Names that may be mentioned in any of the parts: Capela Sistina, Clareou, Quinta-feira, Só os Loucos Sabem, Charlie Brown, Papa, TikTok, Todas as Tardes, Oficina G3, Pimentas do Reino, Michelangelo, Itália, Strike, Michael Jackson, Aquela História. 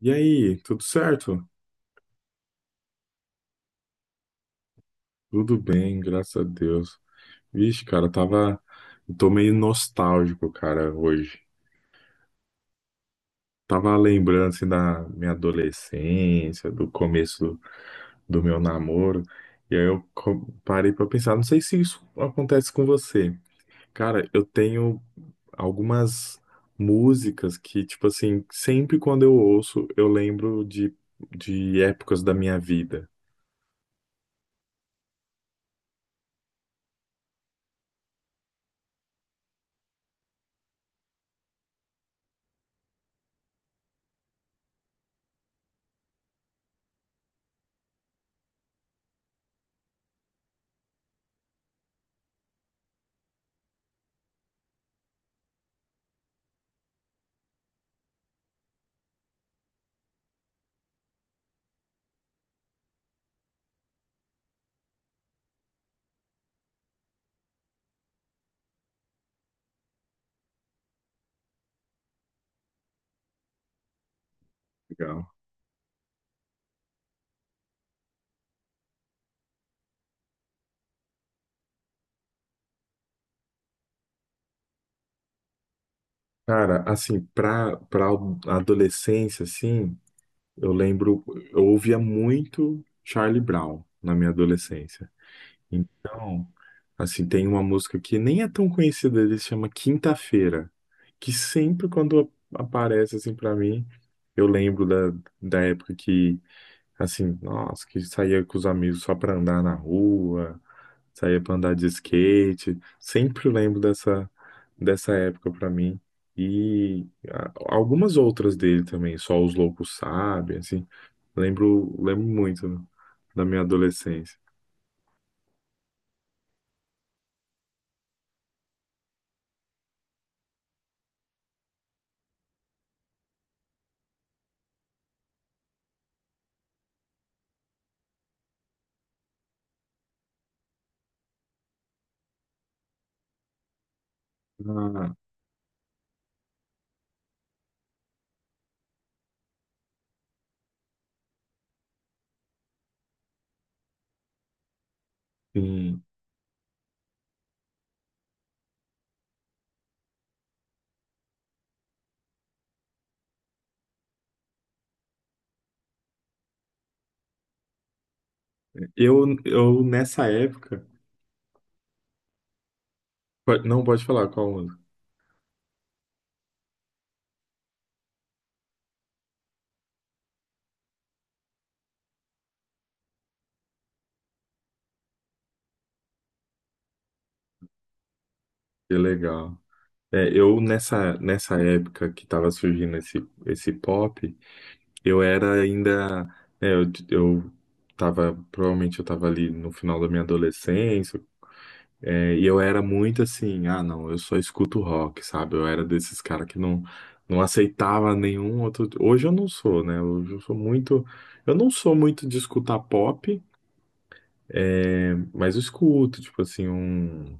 E aí, tudo certo? Tudo bem, graças a Deus. Vixe, cara, tava. Eu tô meio nostálgico, cara, hoje. Tava lembrando, assim, da minha adolescência, do começo do meu namoro. E aí eu parei pra pensar, não sei se isso acontece com você. Cara, eu tenho algumas músicas que, tipo assim, sempre quando eu ouço, eu lembro de épocas da minha vida. Cara, assim, pra adolescência, assim, eu lembro, eu ouvia muito Charlie Brown na minha adolescência. Então, assim, tem uma música que nem é tão conhecida, ele chama Quinta-feira, que sempre quando aparece, assim, pra mim, eu lembro da época que, assim, nossa, que saía com os amigos só pra andar na rua. Saía pra andar de skate. Sempre lembro dessa época pra mim. E algumas outras dele também, Só os Loucos Sabem, assim. Lembro, lembro muito da minha adolescência. Ah, sim. Eu nessa época. Não, pode falar qual música. Que legal. É, eu nessa época que tava surgindo esse pop. Eu era ainda, é, eu, eu provavelmente eu tava ali no final da minha adolescência, e eu era muito assim, ah, não, eu só escuto rock, sabe? Eu era desses caras que não aceitava nenhum outro. Hoje eu não sou, né? Hoje eu não sou muito de escutar pop, mas eu escuto, tipo assim, um,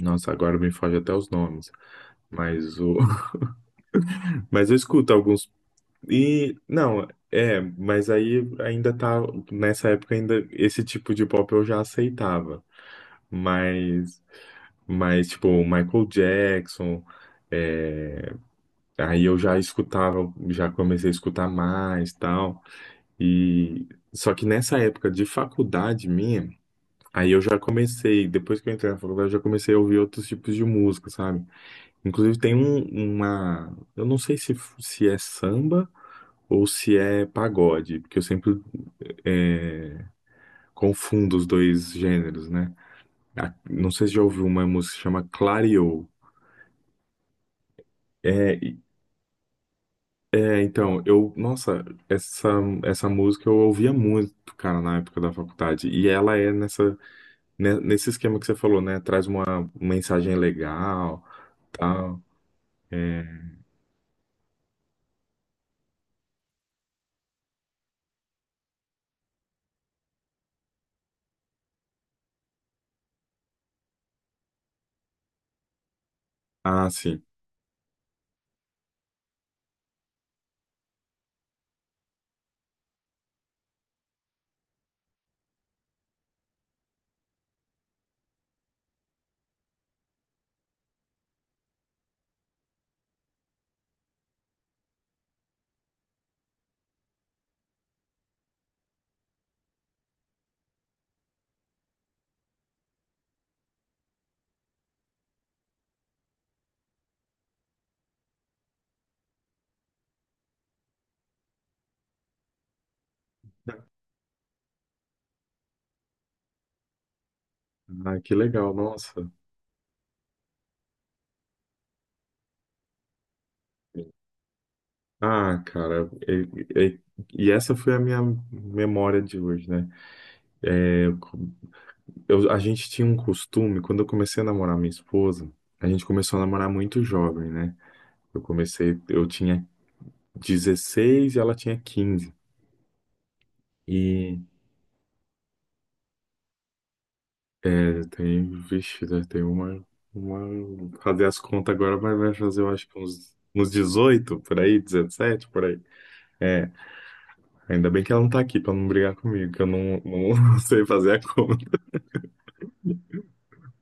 nossa, agora me foge até os nomes, mas mas eu escuto alguns E não, é, mas aí ainda tá nessa época ainda esse tipo de pop eu já aceitava, mas tipo o Michael Jackson, é, aí eu já escutava, já comecei a escutar mais, tal. E só que nessa época de faculdade minha, aí eu já comecei, depois que eu entrei na faculdade, eu já comecei a ouvir outros tipos de música, sabe? Inclusive tem um, uma, eu não sei se é samba ou se é pagode, porque eu sempre é, confundo os dois gêneros, né? Não sei se já ouviu uma música que chama Clareou. É, então, eu, nossa, essa, essa música eu ouvia muito, cara, na época da faculdade. E ela é nessa, né, nesse esquema que você falou, né? Traz uma mensagem legal, tal. É, ah, sim. Ah, que legal, nossa. Ah, cara, e essa foi a minha memória de hoje, né? É, eu, a gente tinha um costume, quando eu comecei a namorar minha esposa, a gente começou a namorar muito jovem, né? Eu comecei, eu tinha 16 e ela tinha 15. E é, tem, vixe, né, tem fazer as contas agora, mas vai fazer, eu acho que uns 18, por aí, 17 por aí. É, ainda bem que ela não tá aqui pra não brigar comigo, que eu não sei fazer a conta.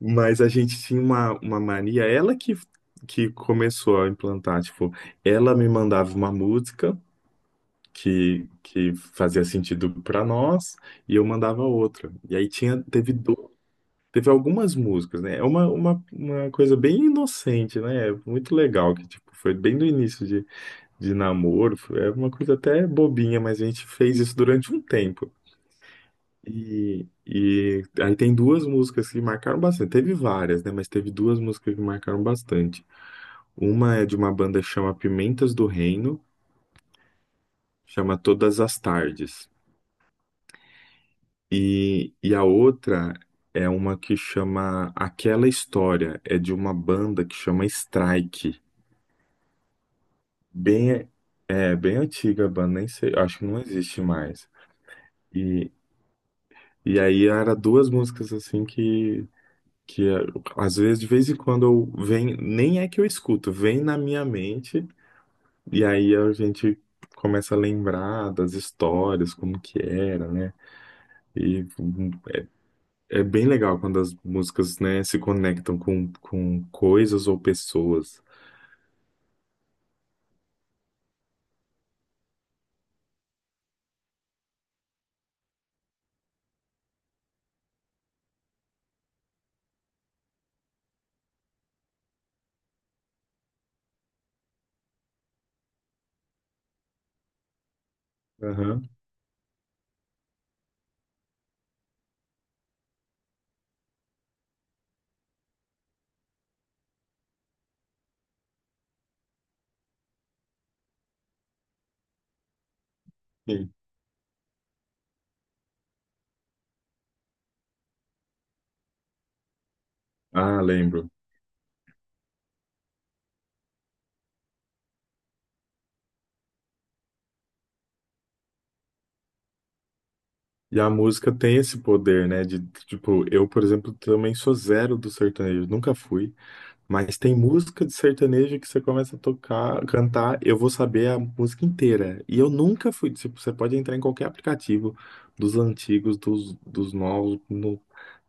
Mas a gente tinha uma mania, ela que começou a implantar, tipo, ela me mandava uma música que fazia sentido para nós e eu mandava outra. E aí tinha, teve, teve algumas músicas, né? É uma coisa bem inocente, né? é muito legal, que tipo, foi bem do início de namoro, é uma coisa até bobinha, mas a gente fez isso durante um tempo. E aí tem duas músicas que marcaram bastante. Teve várias, né? Mas teve duas músicas que marcaram bastante. Uma é de uma banda que chama Pimentas do Reino, chama Todas as Tardes. E a outra é uma que chama Aquela História, é de uma banda que chama Strike. Bem, é bem antiga a banda, nem sei, acho que não existe mais. E, e aí era duas músicas assim que é, às vezes, de vez em quando, eu vem, nem é que eu escuto, vem na minha mente, e aí a gente começa a lembrar das histórias, como que era, né? E é bem legal quando as músicas, né, se conectam com, coisas ou pessoas. Aham, sim. Ah, lembro. E a música tem esse poder, né? De, tipo, eu, por exemplo, também sou zero do sertanejo, nunca fui. Mas tem música de sertanejo que você começa a tocar, cantar, eu vou saber a música inteira. E eu nunca fui, tipo, você pode entrar em qualquer aplicativo dos antigos, dos novos, no,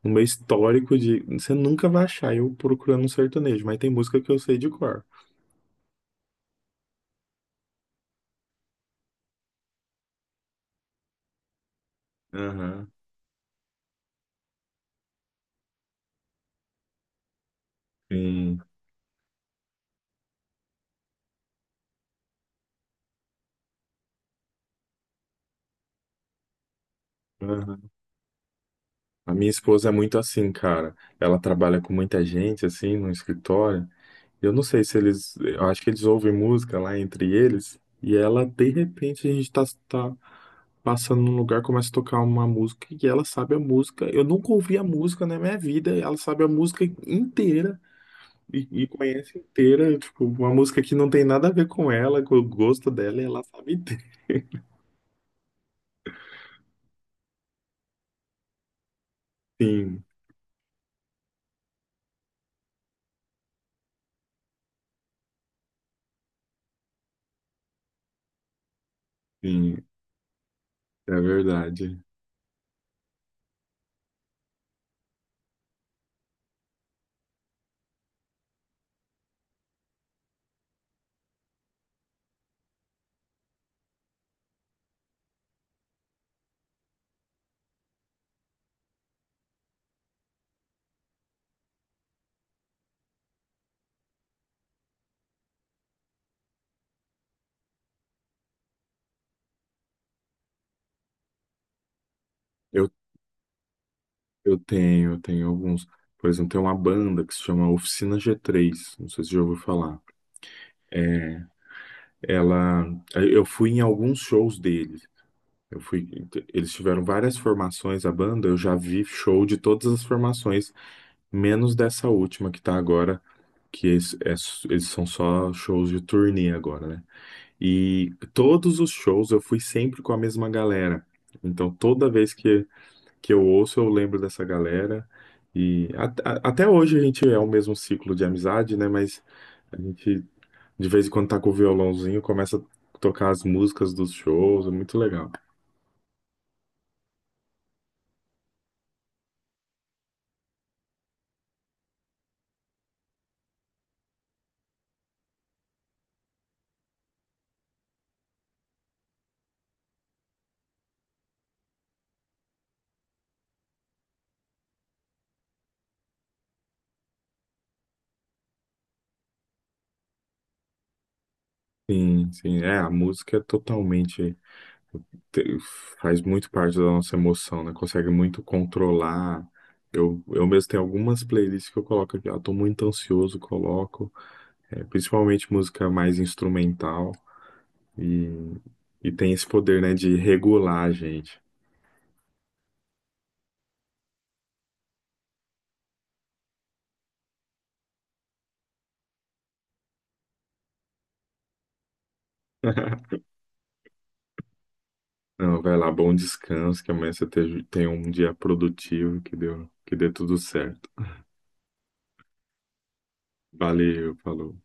no meu histórico de, você nunca vai achar eu procurando um sertanejo, mas tem música que eu sei de cor. Aham, sim. Aham. A minha esposa é muito assim, cara. Ela trabalha com muita gente, assim, no escritório. Eu não sei se eles. Eu acho que eles ouvem música lá entre eles. E ela, de repente, a gente tá, passando num lugar, começa a tocar uma música e ela sabe a música. Eu nunca ouvi a música na minha vida, ela sabe a música inteira e conhece inteira, tipo, uma música que não tem nada a ver com ela, com o gosto dela, e ela sabe inteira. Sim, sim, é verdade. Eu, eu tenho alguns. Por exemplo, tem uma banda que se chama Oficina G3, não sei se você já ouviu falar. Ela, eu fui em alguns shows deles. Eu fui, eles tiveram várias formações, a banda, eu já vi show de todas as formações menos dessa última que tá agora, que eles são só shows de turnê agora, né? E todos os shows eu fui sempre com a mesma galera. Então toda vez que eu ouço, eu lembro dessa galera. E até hoje a gente é o mesmo ciclo de amizade, né? Mas a gente, de vez em quando, tá com o violãozinho, começa a tocar as músicas dos shows, é muito legal. Sim, sim, é, a música é totalmente te- faz muito parte da nossa emoção, né? Consegue muito controlar. Eu mesmo tenho algumas playlists que eu coloco aqui. Ah, tô muito ansioso, coloco. É, principalmente música mais instrumental. E, e tem esse poder, né, de regular a gente. Não, vai lá, bom descanso, que amanhã você tenha um dia produtivo, que dê tudo certo. Valeu, falou.